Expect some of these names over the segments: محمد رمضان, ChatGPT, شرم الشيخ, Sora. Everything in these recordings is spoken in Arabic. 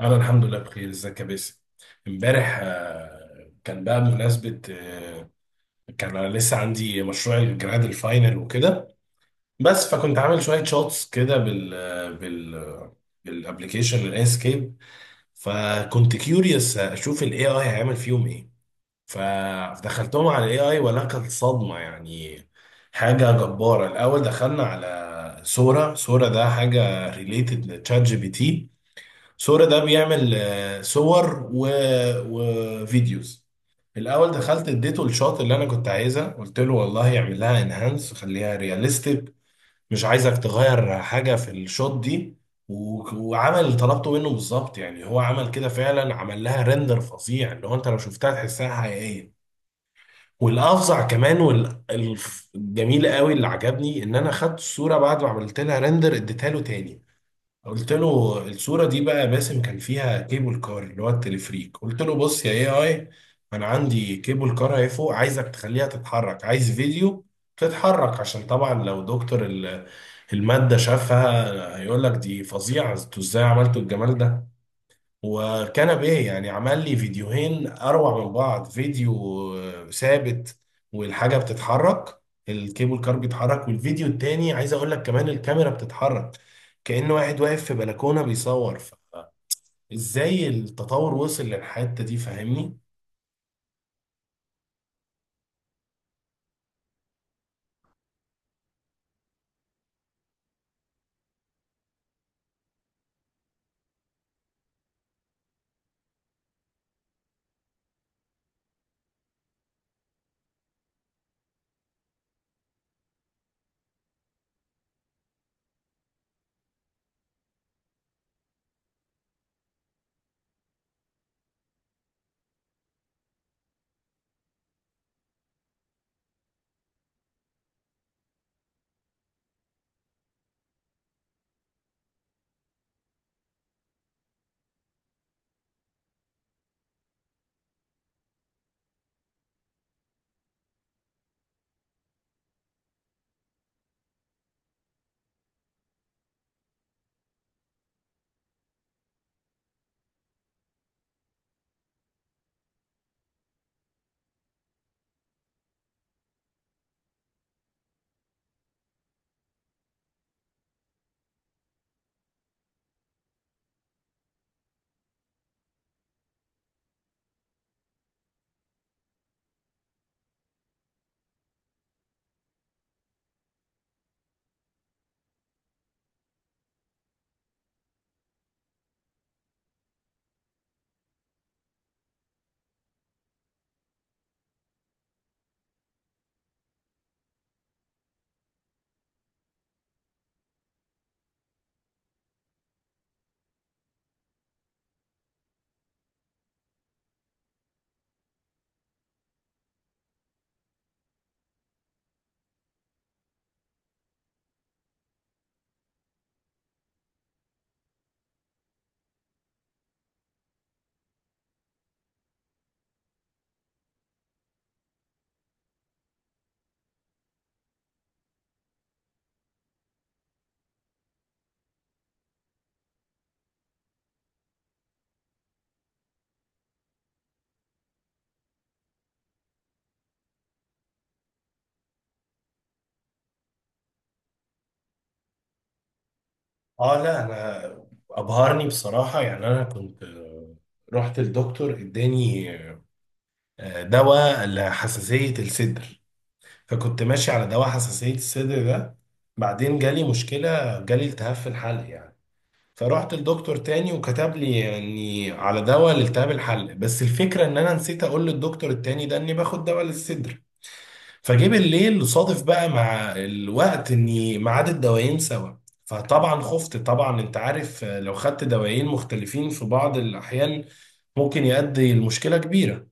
انا الحمد لله بخير. ازيك يا باسم؟ امبارح كان بقى بمناسبه، كان انا لسه عندي مشروع الجراد الفاينل وكده. بس فكنت عامل شويه شوتس كده بال بالابلكيشن الانسكيب. فكنت كيوريوس اشوف الاي اي هيعمل فيهم ايه، فدخلتهم على الاي اي، ولا كانت صدمه يعني. حاجه جباره. الاول دخلنا على سورا. سورا ده حاجه ريليتد لتشات جي بي تي. سورة ده بيعمل صور وفيديوز. الاول دخلت اديته الشوت اللي انا كنت عايزها، قلت له والله اعمل لها انهانس خليها رياليستيك، مش عايزك تغير حاجه في الشوت دي. و- وعمل اللي طلبته منه بالظبط، يعني هو عمل كده فعلا. عمل لها ريندر فظيع اللي هو انت لو شفتها تحسها حقيقيه. والافظع كمان والجميل قوي اللي عجبني، ان انا خدت الصوره بعد ما عملت لها ريندر، اديتها له تاني. قلت له الصورة دي بقى يا باسم كان فيها كيبل كار اللي هو التلفريك، قلت له بص يا اي اي، انا عندي كيبل كار اهي فوق، عايزك تخليها تتحرك، عايز فيديو تتحرك، عشان طبعا لو دكتور المادة شافها هيقول لك دي فظيعة، انتوا ازاي عملتوا الجمال ده؟ وكنبيه يعني، عمل لي فيديوهين اروع من بعض. فيديو ثابت والحاجه بتتحرك، الكيبل كار بيتحرك، والفيديو التاني عايز اقول لك كمان الكاميرا بتتحرك، كأنه واحد واقف في بلكونه بيصور. ازاي التطور وصل للحته دي؟ فاهمني؟ اه لا، انا ابهرني بصراحه. يعني انا كنت، رحت الدكتور اداني دواء لحساسيه الصدر، فكنت ماشي على دواء حساسية الصدر ده. بعدين جالي مشكلة، جالي التهاب في الحلق يعني، فرحت للدكتور تاني وكتب لي يعني على دواء لالتهاب الحلق. بس الفكرة ان انا نسيت اقول للدكتور التاني ده اني باخد دواء للصدر. فجه بالليل صادف بقى مع الوقت اني ميعاد الدوايين سوا. فطبعا خفت، طبعا انت عارف لو خدت دوايين مختلفين في بعض الاحيان ممكن يؤدي لمشكلة كبيرة.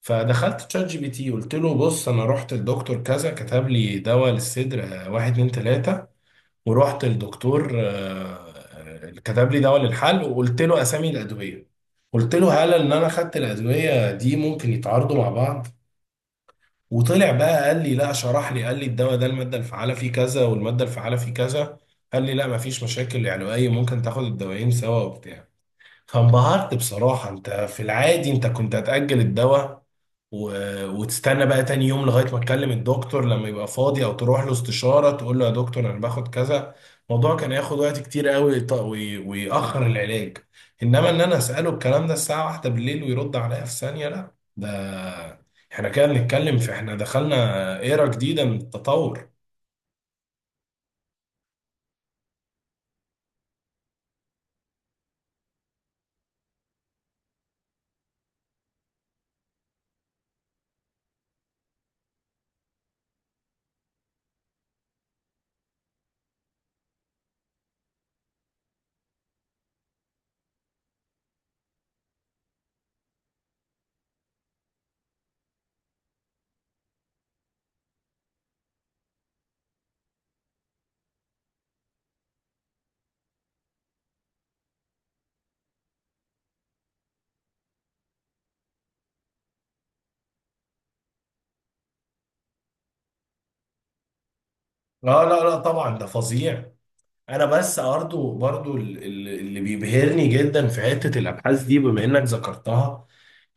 فدخلت تشات جي بي تي قلت له بص، انا رحت لدكتور كذا كتب لي دواء للصدر، واحد اتنين تلاته، ورحت لدكتور، كتب لي دواء للحل، وقلت له اسامي الادويه. قلت له هل ان انا خدت الادويه دي ممكن يتعارضوا مع بعض؟ وطلع بقى قال لي لا، شرح لي، قال لي الدواء ده الماده الفعاله فيه كذا، والماده الفعاله فيه كذا. قال لي لا، مفيش مشاكل علوية، ممكن تاخد الدوايين سوا وبتاع. فانبهرت بصراحه. انت في العادي انت كنت هتأجل الدواء و... وتستنى بقى تاني يوم لغاية ما تكلم الدكتور لما يبقى فاضي، او تروح له استشارة تقول له يا دكتور انا باخد كذا. الموضوع كان ياخد وقت كتير قوي، ويأخر العلاج. انما ان انا اسأله الكلام ده الساعة واحدة بالليل ويرد عليا في ثانية، لا ده احنا كده بنتكلم احنا دخلنا ايرا جديدة من التطور. لا لا لا، طبعا ده فظيع. انا بس برضو اللي بيبهرني جدا في حتة الابحاث دي بما انك ذكرتها،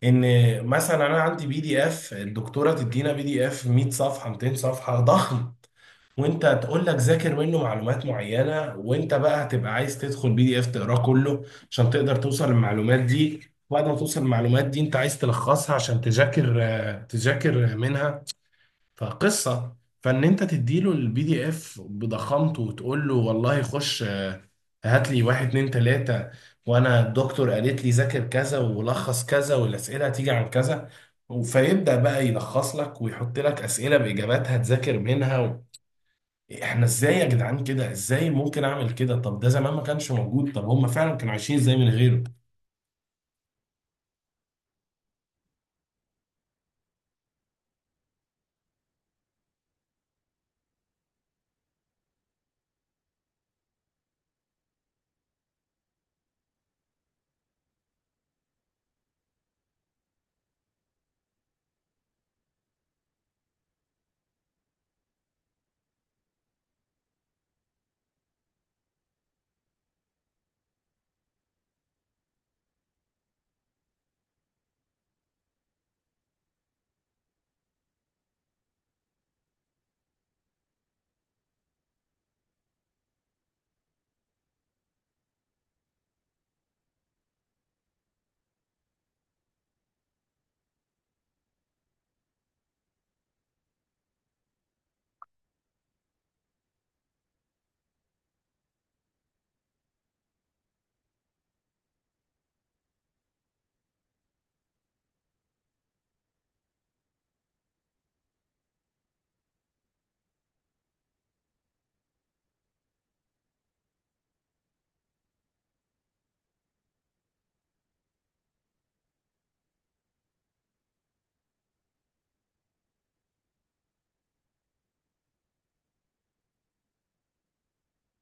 ان مثلا انا عندي بي دي اف، الدكتوره تدينا بي دي اف 100 صفحه 200 صفحه ضخم، وانت تقول لك ذاكر منه معلومات معينه، وانت بقى هتبقى عايز تدخل بي دي اف تقراه كله عشان تقدر توصل للمعلومات دي. بعد ما توصل للمعلومات دي انت عايز تلخصها عشان تذاكر، تذاكر منها. فقصة، فان انت تديله البي دي اف بضخامته وتقول له والله خش، هات لي واحد اتنين تلاتة، وانا الدكتور قالت لي ذاكر كذا ولخص كذا والاسئلة هتيجي عن كذا. فيبدأ بقى يلخص لك ويحط لك اسئلة باجاباتها تذاكر منها احنا ازاي يا جدعان كده؟ ازاي ممكن اعمل كده؟ طب ده زمان ما كانش موجود، طب هم فعلا كانوا عايشين ازاي من غيره؟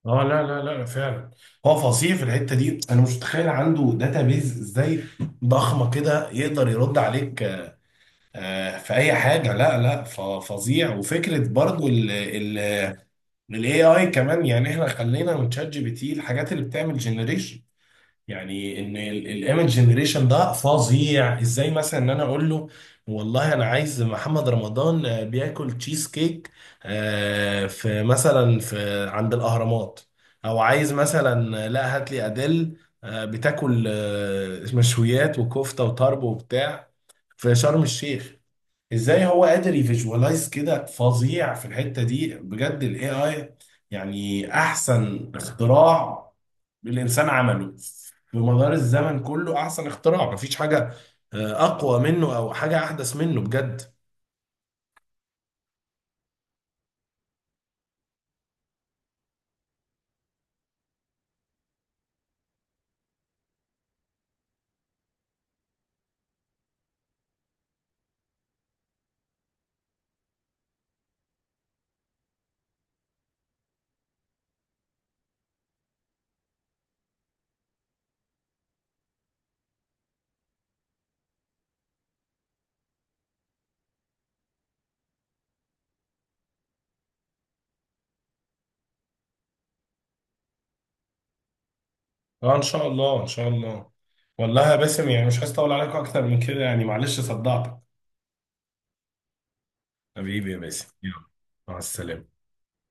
اه لا لا لا، فعلا هو فظيع في الحته دي. انا مش متخيل عنده داتابيز ازاي ضخمه كده، يقدر يرد عليك في اي حاجه. لا لا فظيع. وفكره برضو ال ال الاي اي كمان، يعني احنا خلينا من شات جي بي تي الحاجات اللي بتعمل جنريشن، يعني ان الايمج جنريشن ده فظيع ازاي. مثلا ان انا اقول له والله انا عايز محمد رمضان بياكل تشيز كيك، في مثلا في عند الاهرامات. او عايز مثلا، لا هات لي اديل بتاكل مشويات وكفته وطرب وبتاع في شرم الشيخ. ازاي هو قادر يفيجوالايز كده؟ فظيع في الحتة دي بجد الاي اي. يعني احسن اختراع الانسان عمله في مدار الزمن كله، احسن اختراع، مفيش حاجة اقوى منه او حاجة احدث منه بجد. اه ان شاء الله ان شاء الله. والله يا باسم يعني مش عايز اطول عليكم اكتر من كده، يعني معلش صدعتك. حبيبي يا باسم، يلا. مع السلامة.